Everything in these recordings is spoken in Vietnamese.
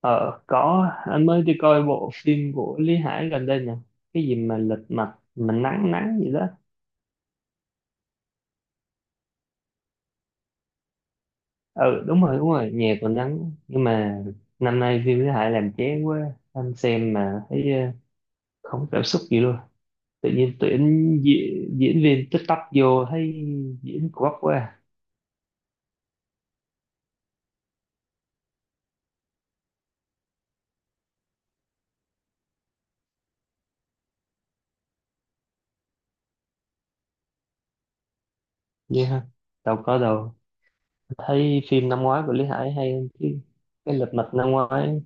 Ờ, có, anh mới đi coi bộ phim của Lý Hải gần đây nè. Cái gì mà lật mặt, mà nắng nắng gì đó. Ừ, đúng rồi, nhà còn nắng. Nhưng mà năm nay phim Lý Hải làm chán quá. Anh xem mà thấy không có cảm xúc gì luôn. Tự nhiên tuyển diễn viên tích tắp vô thấy diễn quắc quá. Vậy ha, đâu có đâu. Thấy phim năm ngoái của Lý Hải hay hơn chứ. Cái lật mặt năm ngoái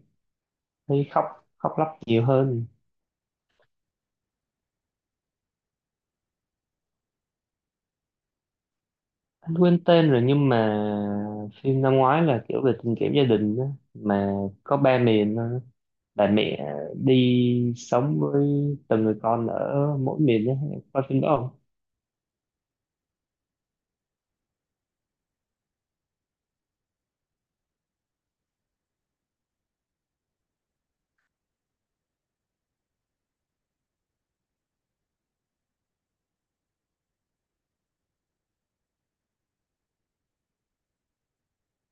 thấy khóc lóc nhiều hơn. Anh quên tên rồi nhưng mà phim năm ngoái là kiểu về tình cảm gia đình đó, mà có ba miền thôi. Bà mẹ đi sống với từng người con ở mỗi miền đó. Em coi phim đó không?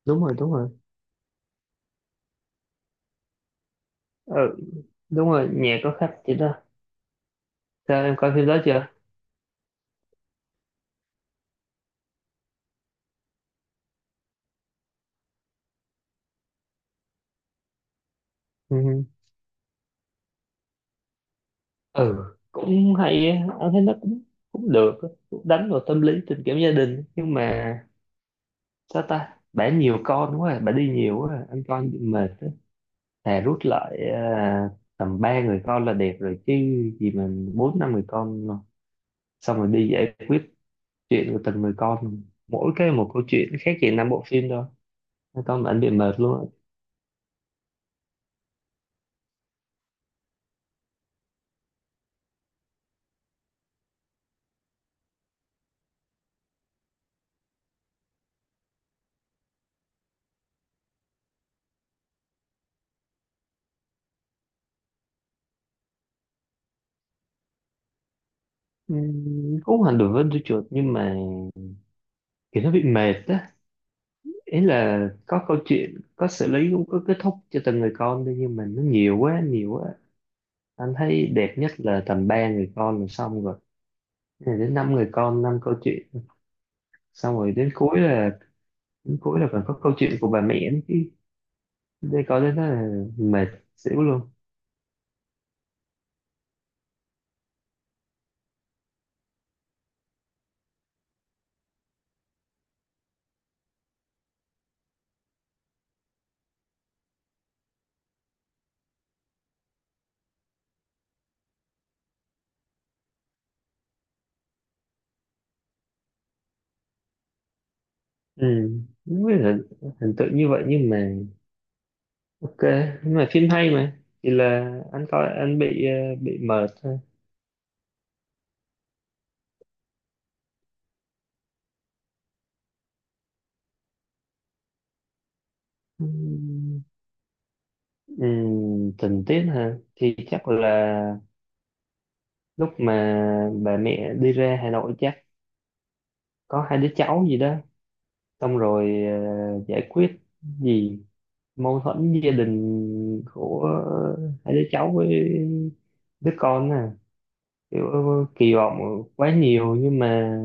Đúng rồi, đúng rồi. Ừ, đúng rồi, nhà có khách chị đó. Sao em coi phim đó chưa? Ừ, ừ, cũng hay á. Anh thấy nó cũng cũng được á. Cũng đánh vào tâm lý tình cảm gia đình nhưng mà sao ta bà nhiều con quá à. Bà đi nhiều quá à. Anh coi bị mệt, thà rút lại à, tầm ba người con là đẹp rồi chứ, gì mà bốn năm người con mà. Xong rồi đi giải quyết chuyện của từng người con, mỗi cái một câu chuyện khác gì năm bộ phim đâu. Mấy con mà anh bị mệt luôn á. Cũng không hẳn đối với đứa chuột nhưng mà kiểu nó bị mệt á. Ý là có câu chuyện, có xử lý, cũng có kết thúc cho từng người con đi, nhưng mà nó nhiều quá nhiều quá. Anh thấy đẹp nhất là tầm ba người con là xong rồi. Rồi đến năm người con năm câu chuyện, xong rồi đến cuối là còn có câu chuyện của bà mẹ nữa chứ. Đi có đến đó là mệt xỉu luôn. Ừ, không biết là hình tượng như vậy nhưng mà ok, nhưng mà phim hay, mà chỉ là anh coi anh bị bị mệt thôi. Ừ. Ừ, tình tiết hả thì chắc là lúc mà bà mẹ đi ra Hà Nội, chắc có hai đứa cháu gì đó. Xong rồi giải quyết gì mâu thuẫn gia đình của hai đứa cháu với đứa con nè. Kiểu kỳ vọng quá nhiều nhưng mà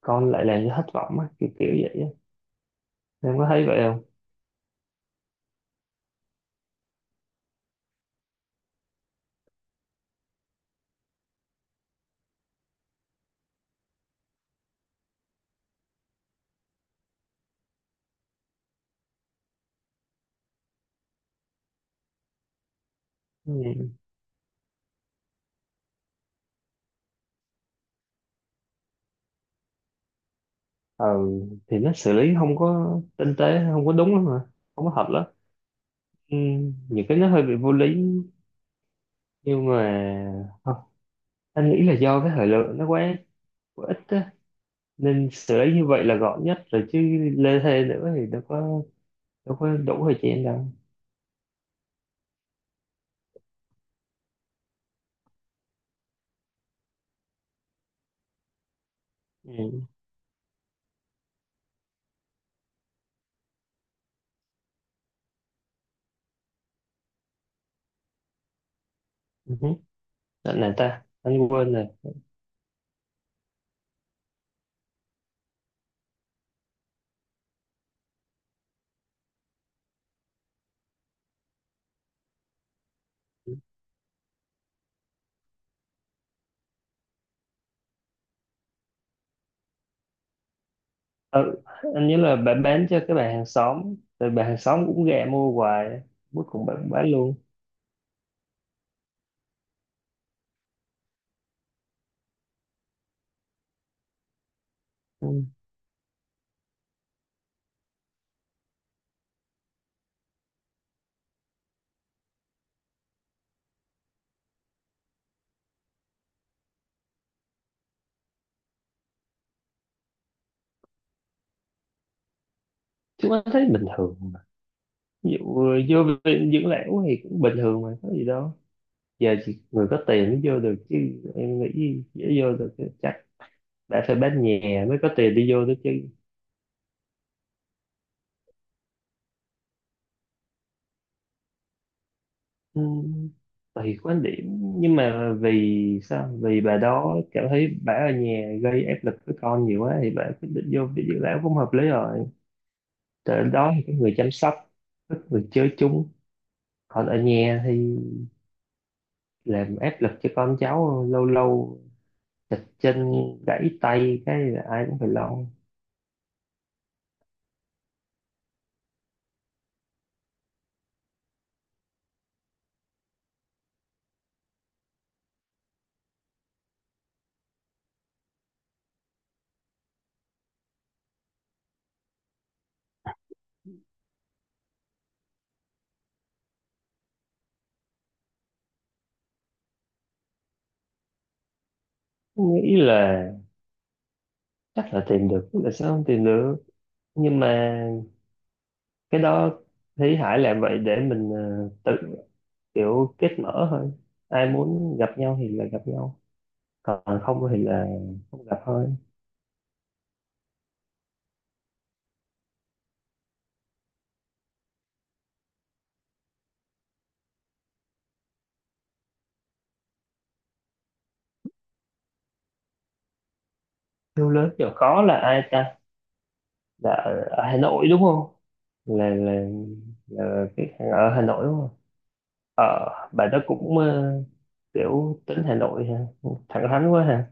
con lại làm cho thất vọng á, kiểu kiểu vậy á. Em có thấy vậy không? Ừ. Ừ, thì nó xử lý không có tinh tế, không có đúng lắm mà không có hợp lắm. Ừ. Nhiều cái nó hơi bị vô lý. Nhưng mà không, anh nghĩ là do cái thời lượng nó quá quá ít á nên xử lý như vậy là gọn nhất rồi chứ, lê thê nữa thì đâu có đủ thời gian đâu. Ừ. Ừ. Hứ. Này ta anh quên rồi. Ừ, anh nhớ là bạn bán cho cái bạn hàng xóm rồi bạn hàng xóm cũng gạ mua hoài, cuối cùng bạn cũng bán luôn. Ừ. Chứ anh thấy bình thường. Ví dụ vô viện dưỡng lão thì cũng bình thường mà có gì đâu. Giờ chỉ người có tiền mới vô được chứ. Em nghĩ dễ vô được chứ. Chắc đã phải bán nhà mới có tiền đi vô được chứ. Ừ. Tùy quan điểm nhưng mà vì sao, vì bà đó cảm thấy bà ở nhà gây áp lực với con nhiều quá thì bà quyết định vô viện dưỡng lão cũng hợp lý rồi. Tới lúc đó thì có người chăm sóc, có người chơi chung. Còn ở nhà thì làm áp lực cho con cháu, lâu lâu chật chân gãy tay cái là ai cũng phải lo. Nghĩ là chắc là tìm được, là sao không tìm được. Nhưng mà cái đó thấy Hải làm vậy để mình tự kiểu kết mở thôi. Ai muốn gặp nhau thì là gặp nhau, còn không thì là không gặp thôi. Yêu lớn giàu có là ai ta? Là ở Hà Nội đúng không? Là là, là cái hàng ở Hà Nội đúng không? Ờ, bà đó cũng kiểu tính Hà Nội ha, thẳng thắn quá ha.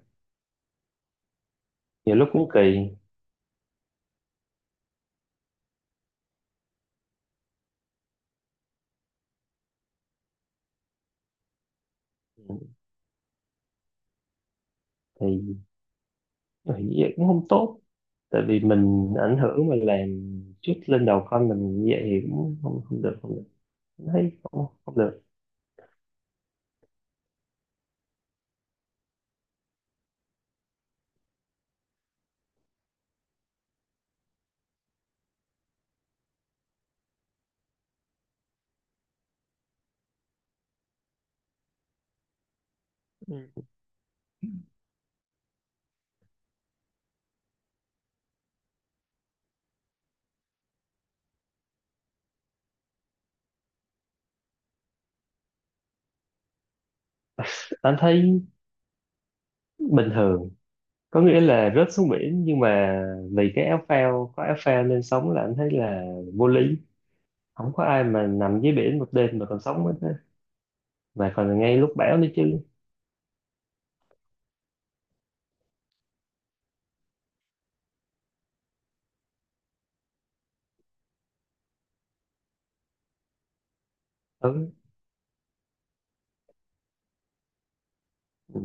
Nhiều lúc cũng kỳ. Thì thì như vậy cũng không tốt, tại vì mình ảnh hưởng mà làm chút lên đầu con mình như vậy thì cũng không không được không được. Anh thấy không, không được. Ừ. Anh thấy bình thường, có nghĩa là rớt xuống biển nhưng mà vì cái áo phao, có áo phao nên sống, là anh thấy là vô lý. Không có ai mà nằm dưới biển một đêm mà còn sống hết á, mà còn ngay lúc bão nữa chứ. Ừ. Ừ.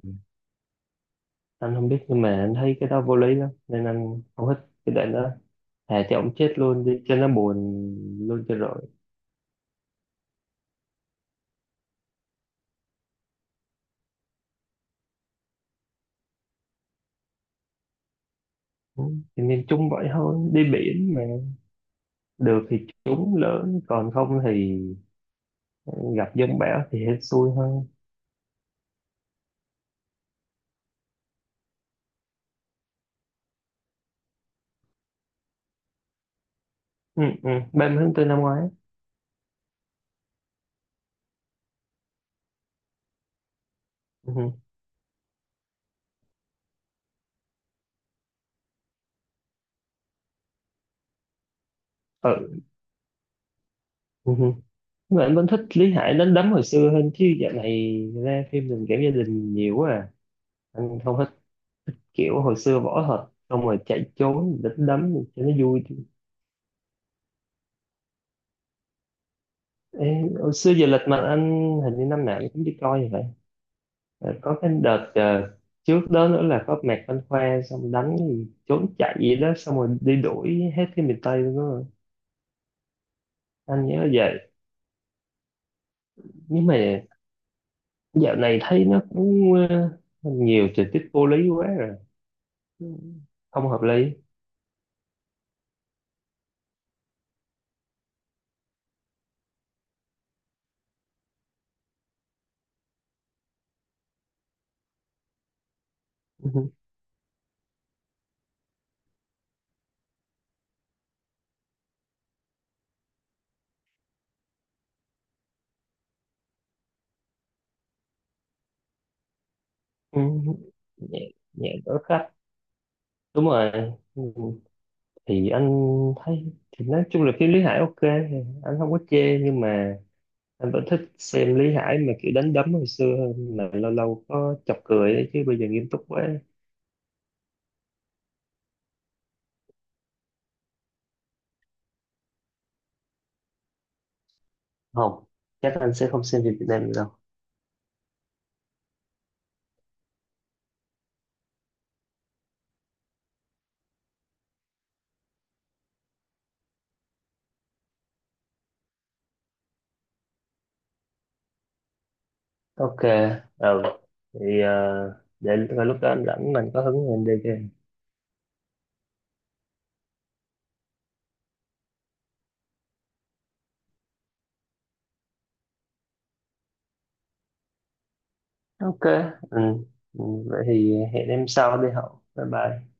Anh không biết nhưng mà anh thấy cái đó vô lý lắm nên anh không thích cái đoạn đó. Thà cho ông chết luôn đi cho nó buồn luôn cho rồi. Ừ. Thì nên chung vậy thôi, đi biển mà được thì chúng lớn, còn không thì gặp giông bão thì hết xui hơn. Ừ, ừ. 30 tháng 4 năm ngoái. Ừ. Ừ. Ừ. Mà anh vẫn thích Lý Hải đánh đấm hồi xưa hơn chứ dạo này ra phim tình cảm gia đình nhiều quá à. Anh không, kiểu hồi xưa võ thuật xong rồi chạy trốn đánh đấm cho nó vui. Ê, hồi xưa giờ lịch mà anh hình như năm nào anh cũng đi coi như vậy. Ờ, có cái đợt trước đó nữa là có Mạc Văn Khoa xong đánh gì, trốn chạy gì đó xong rồi đi đuổi hết cái miền Tây luôn đó. Anh nhớ vậy. Nhưng mà dạo này thấy nó cũng nhiều tình tiết vô lý quá rồi. Không hợp lý. Ừ, nhẹ nhẹ đỡ khách đúng rồi. Ừ, thì anh thấy thì nói chung là phim Lý Hải ok, anh không có chê nhưng mà anh vẫn thích xem Lý Hải mà kiểu đánh đấm hồi xưa hơn, mà lâu lâu có chọc cười đấy, chứ bây giờ nghiêm túc quá. Không, chắc anh sẽ không xem phim Việt Nam nữa đâu. Ok. Ừ, thì để rồi lúc đó anh rảnh mình có hứng thì anh đi game. Ok. Ừ. Ừ, vậy thì hẹn em sau đi hậu bye bye.